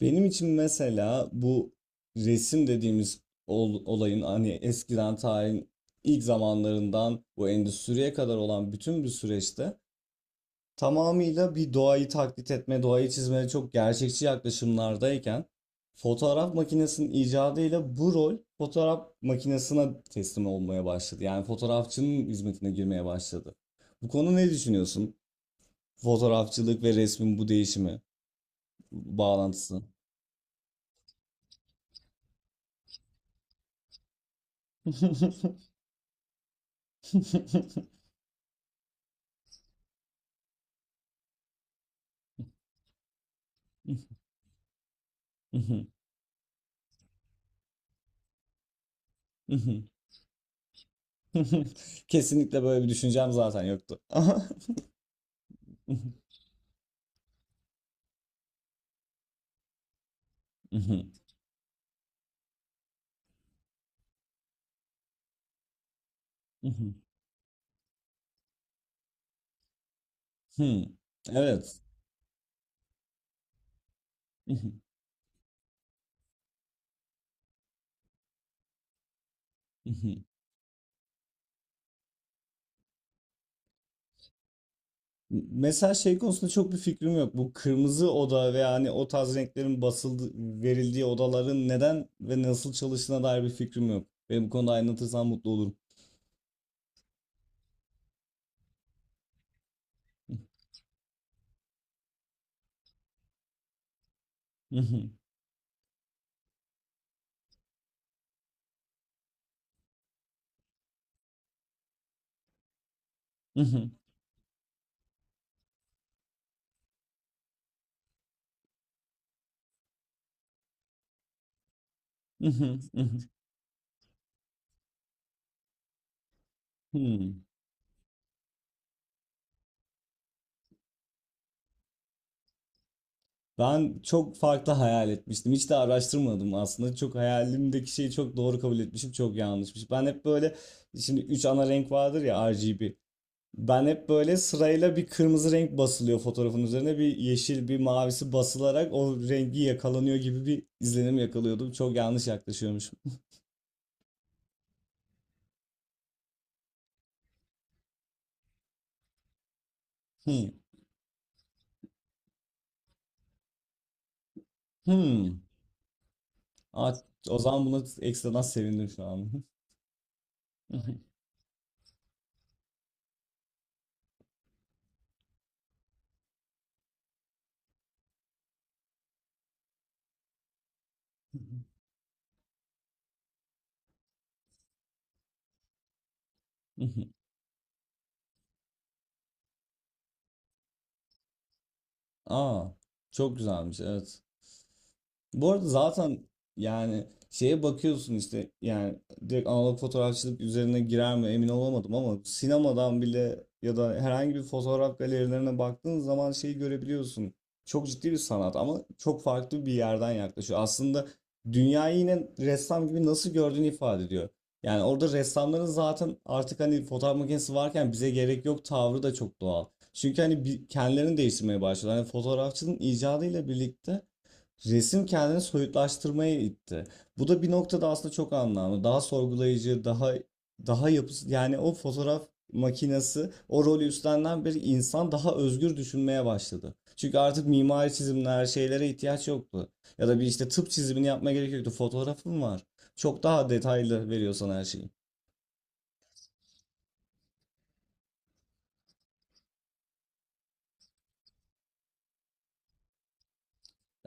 Benim için mesela bu resim dediğimiz olayın hani eskiden tarihin ilk zamanlarından bu endüstriye kadar olan bütün bir süreçte tamamıyla bir doğayı taklit etme, doğayı çizmeye çok gerçekçi yaklaşımlardayken fotoğraf makinesinin icadıyla bu rol fotoğraf makinesine teslim olmaya başladı. Yani fotoğrafçının hizmetine girmeye başladı. Bu konu ne düşünüyorsun? Fotoğrafçılık ve resmin bu değişimi, bağlantısı. Kesinlikle böyle bir düşüncem zaten yoktu. Evet. Mesela şey konusunda çok bir fikrim yok. Bu kırmızı oda ve hani o tarz renklerin basıldı, verildiği odaların neden ve nasıl çalıştığına dair bir fikrim yok. Beni bu konuda aydınlatırsan mutlu olurum. Ben çok farklı hayal etmiştim. Hiç de araştırmadım aslında. Çok hayalimdeki şeyi çok doğru kabul etmişim, çok yanlışmış. Ben hep böyle şimdi 3 ana renk vardır ya RGB. Ben hep böyle sırayla bir kırmızı renk basılıyor fotoğrafın üzerine bir yeşil bir mavisi basılarak o rengi yakalanıyor gibi bir izlenim yakalıyordum. Çok yanlış yaklaşıyormuşum. Hmm. Hmm. Aa, o zaman buna ekstradan sevindim şu an. Aa, çok güzelmiş evet. Bu arada zaten yani şeye bakıyorsun işte yani direkt analog fotoğrafçılık üzerine girer mi emin olamadım ama sinemadan bile ya da herhangi bir fotoğraf galerilerine baktığın zaman şeyi görebiliyorsun. Çok ciddi bir sanat ama çok farklı bir yerden yaklaşıyor. Aslında dünyayı yine ressam gibi nasıl gördüğünü ifade ediyor. Yani orada ressamların zaten artık hani fotoğraf makinesi varken bize gerek yok tavrı da çok doğal. Çünkü hani kendilerini değiştirmeye başlıyorlar. Hani fotoğrafçının icadıyla birlikte resim kendini soyutlaştırmaya itti. Bu da bir noktada aslında çok anlamlı. Daha sorgulayıcı, daha yapısı yani o fotoğraf makinesi o rolü üstlenen bir insan daha özgür düşünmeye başladı. Çünkü artık mimari çizimler, şeylere ihtiyaç yoktu. Ya da bir işte tıp çizimini yapmaya gerek yoktu. Fotoğrafın var. Çok daha detaylı veriyor sana her şeyi.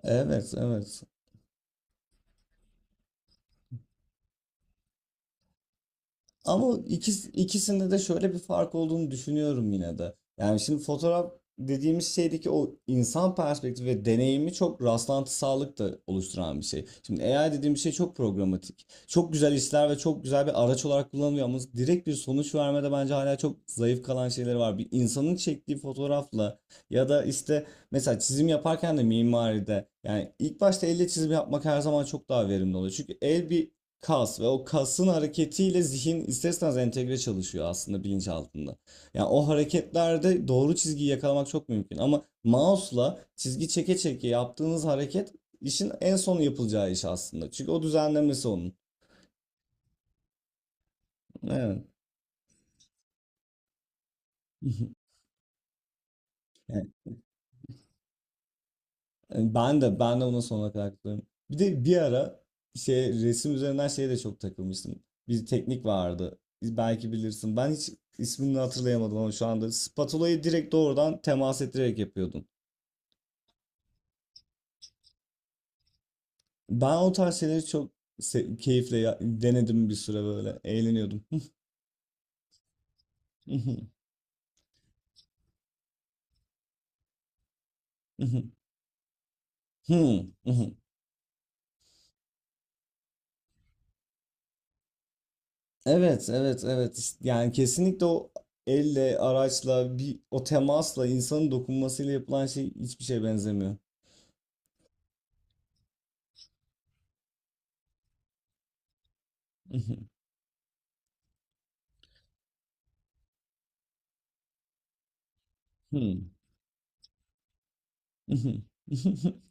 Evet, evet. Ama ikisinde de şöyle bir fark olduğunu düşünüyorum yine de. Yani şimdi fotoğraf dediğimiz şeydeki o insan perspektifi ve deneyimi çok rastlantısallık da oluşturan bir şey. Şimdi AI dediğim şey çok programatik. Çok güzel işler ve çok güzel bir araç olarak kullanılıyor ama direkt bir sonuç vermede bence hala çok zayıf kalan şeyleri var. Bir insanın çektiği fotoğrafla ya da işte mesela çizim yaparken de mimaride yani ilk başta elle çizim yapmak her zaman çok daha verimli oluyor. Çünkü el bir kas ve o kasın hareketiyle zihin isterseniz entegre çalışıyor aslında bilinçaltında. Yani o hareketlerde doğru çizgiyi yakalamak çok mümkün ama mouse'la çizgi çeke çeke yaptığınız hareket işin en son yapılacağı iş aslında. Çünkü o düzenlemesi onun. Evet. Yani hani ben de buna sonuna kadar katılıyorum. Bir de bir ara şey resim üzerinden şeye de çok takılmıştım. Bir teknik vardı. Belki bilirsin. Ben hiç ismini hatırlayamadım ama şu anda spatulayı direkt doğrudan temas ettirerek yapıyordum. Ben o tarz şeyleri çok keyifle denedim bir süre böyle. Eğleniyordum. Evet, evet, evet. İşte yani kesinlikle o elle, araçla, bir o temasla, insanın dokunmasıyla yapılan şey hiçbir şeye benzemiyor.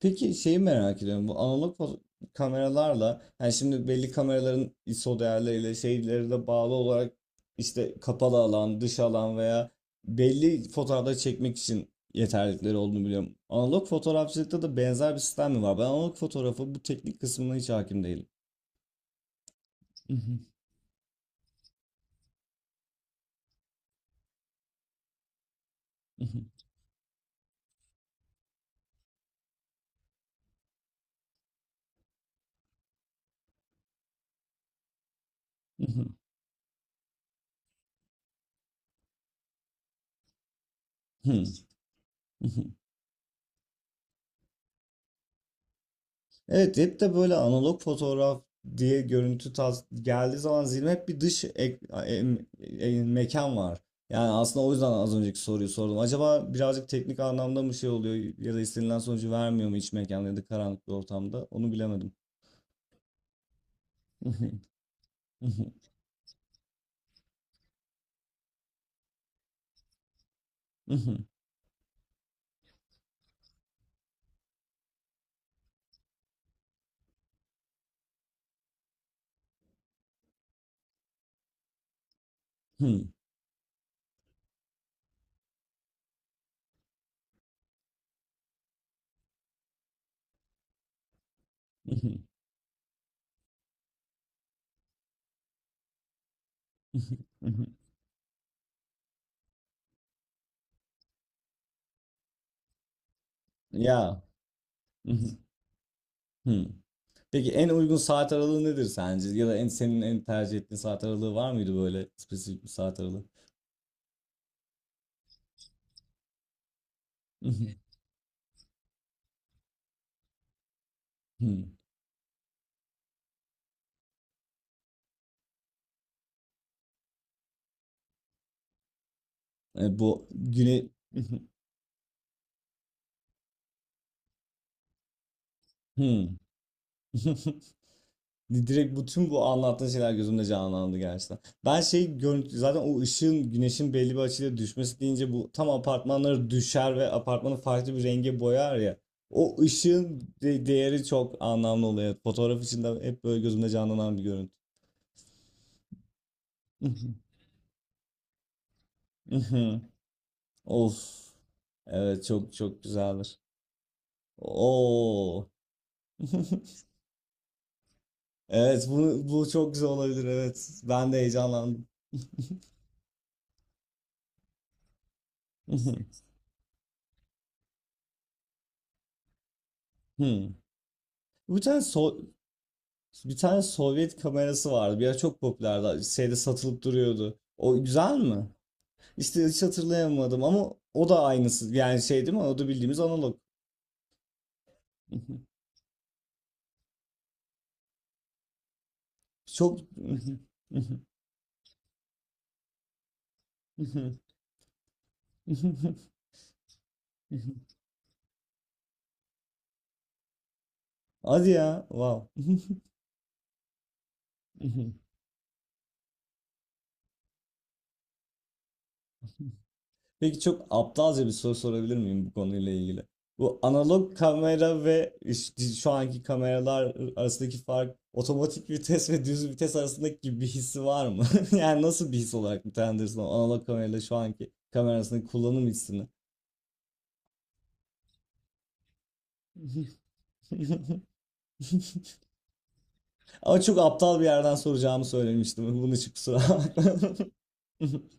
Peki şeyi merak ediyorum. Bu analog kameralarla yani şimdi belli kameraların ISO değerleriyle şeyleri de bağlı olarak işte kapalı alan, dış alan veya belli fotoğrafları çekmek için yeterlilikleri olduğunu biliyorum. Analog fotoğrafçılıkta da benzer bir sistem mi var? Ben analog fotoğrafı bu teknik kısmına hiç hakim değilim. Evet hep de böyle analog fotoğraf diye görüntü tas geldiği zaman zihnime hep bir dış ek- em- em- e, mekan var. Yani aslında o yüzden az önceki soruyu sordum. Acaba birazcık teknik anlamda mı şey oluyor ya da istenilen sonucu vermiyor mu iç mekan ya da karanlık bir ortamda? Onu bilemedim. Ya. Peki en uygun saat aralığı nedir sence? Ya da en senin en tercih ettiğin saat aralığı var mıydı böyle spesifik bir saat aralığı? Bu güne Hımm. Direkt bütün bu anlattığın şeyler gözümde canlandı gerçekten. Ben şey görüntü zaten o ışığın güneşin belli bir açıyla düşmesi deyince bu tam apartmanları düşer ve apartmanı farklı bir renge boyar ya. O ışığın değeri çok anlamlı oluyor. Fotoğraf içinde hep böyle gözümde canlanan bir görüntü. Of. Evet çok çok güzeldir. Oo. Evet bu çok güzel olabilir evet. Ben de heyecanlandım. Hmm. Bir tane So- Bir tane Sovyet kamerası vardı. Bir ara çok popülerdi. Şeyde satılıp duruyordu. O güzel mi? İşte hiç hatırlayamadım ama o da aynısı. Yani şey değil mi? O da bildiğimiz analog. Çok Hadi ya. Wow. Peki çok aptalca bir soru sorabilir miyim bu konuyla ilgili? Bu analog kamera ve işte şu anki kameralar arasındaki fark otomatik vites ve düz vites arasındaki bir hissi var mı? Yani nasıl bir his olarak nitelendirirsin o analog kamerayla şu anki kamera arasındaki kullanım hissini? Ama çok aptal bir yerden soracağımı söylemiştim. Bunun için kusura bakma.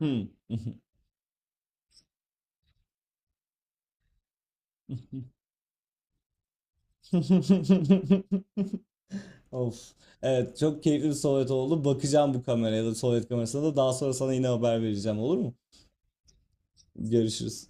Hmm. Of. Evet çok keyifli bir sohbet oldu. Bakacağım bu kameraya da sohbet kamerasına da daha sonra sana yine haber vereceğim olur mu? Görüşürüz.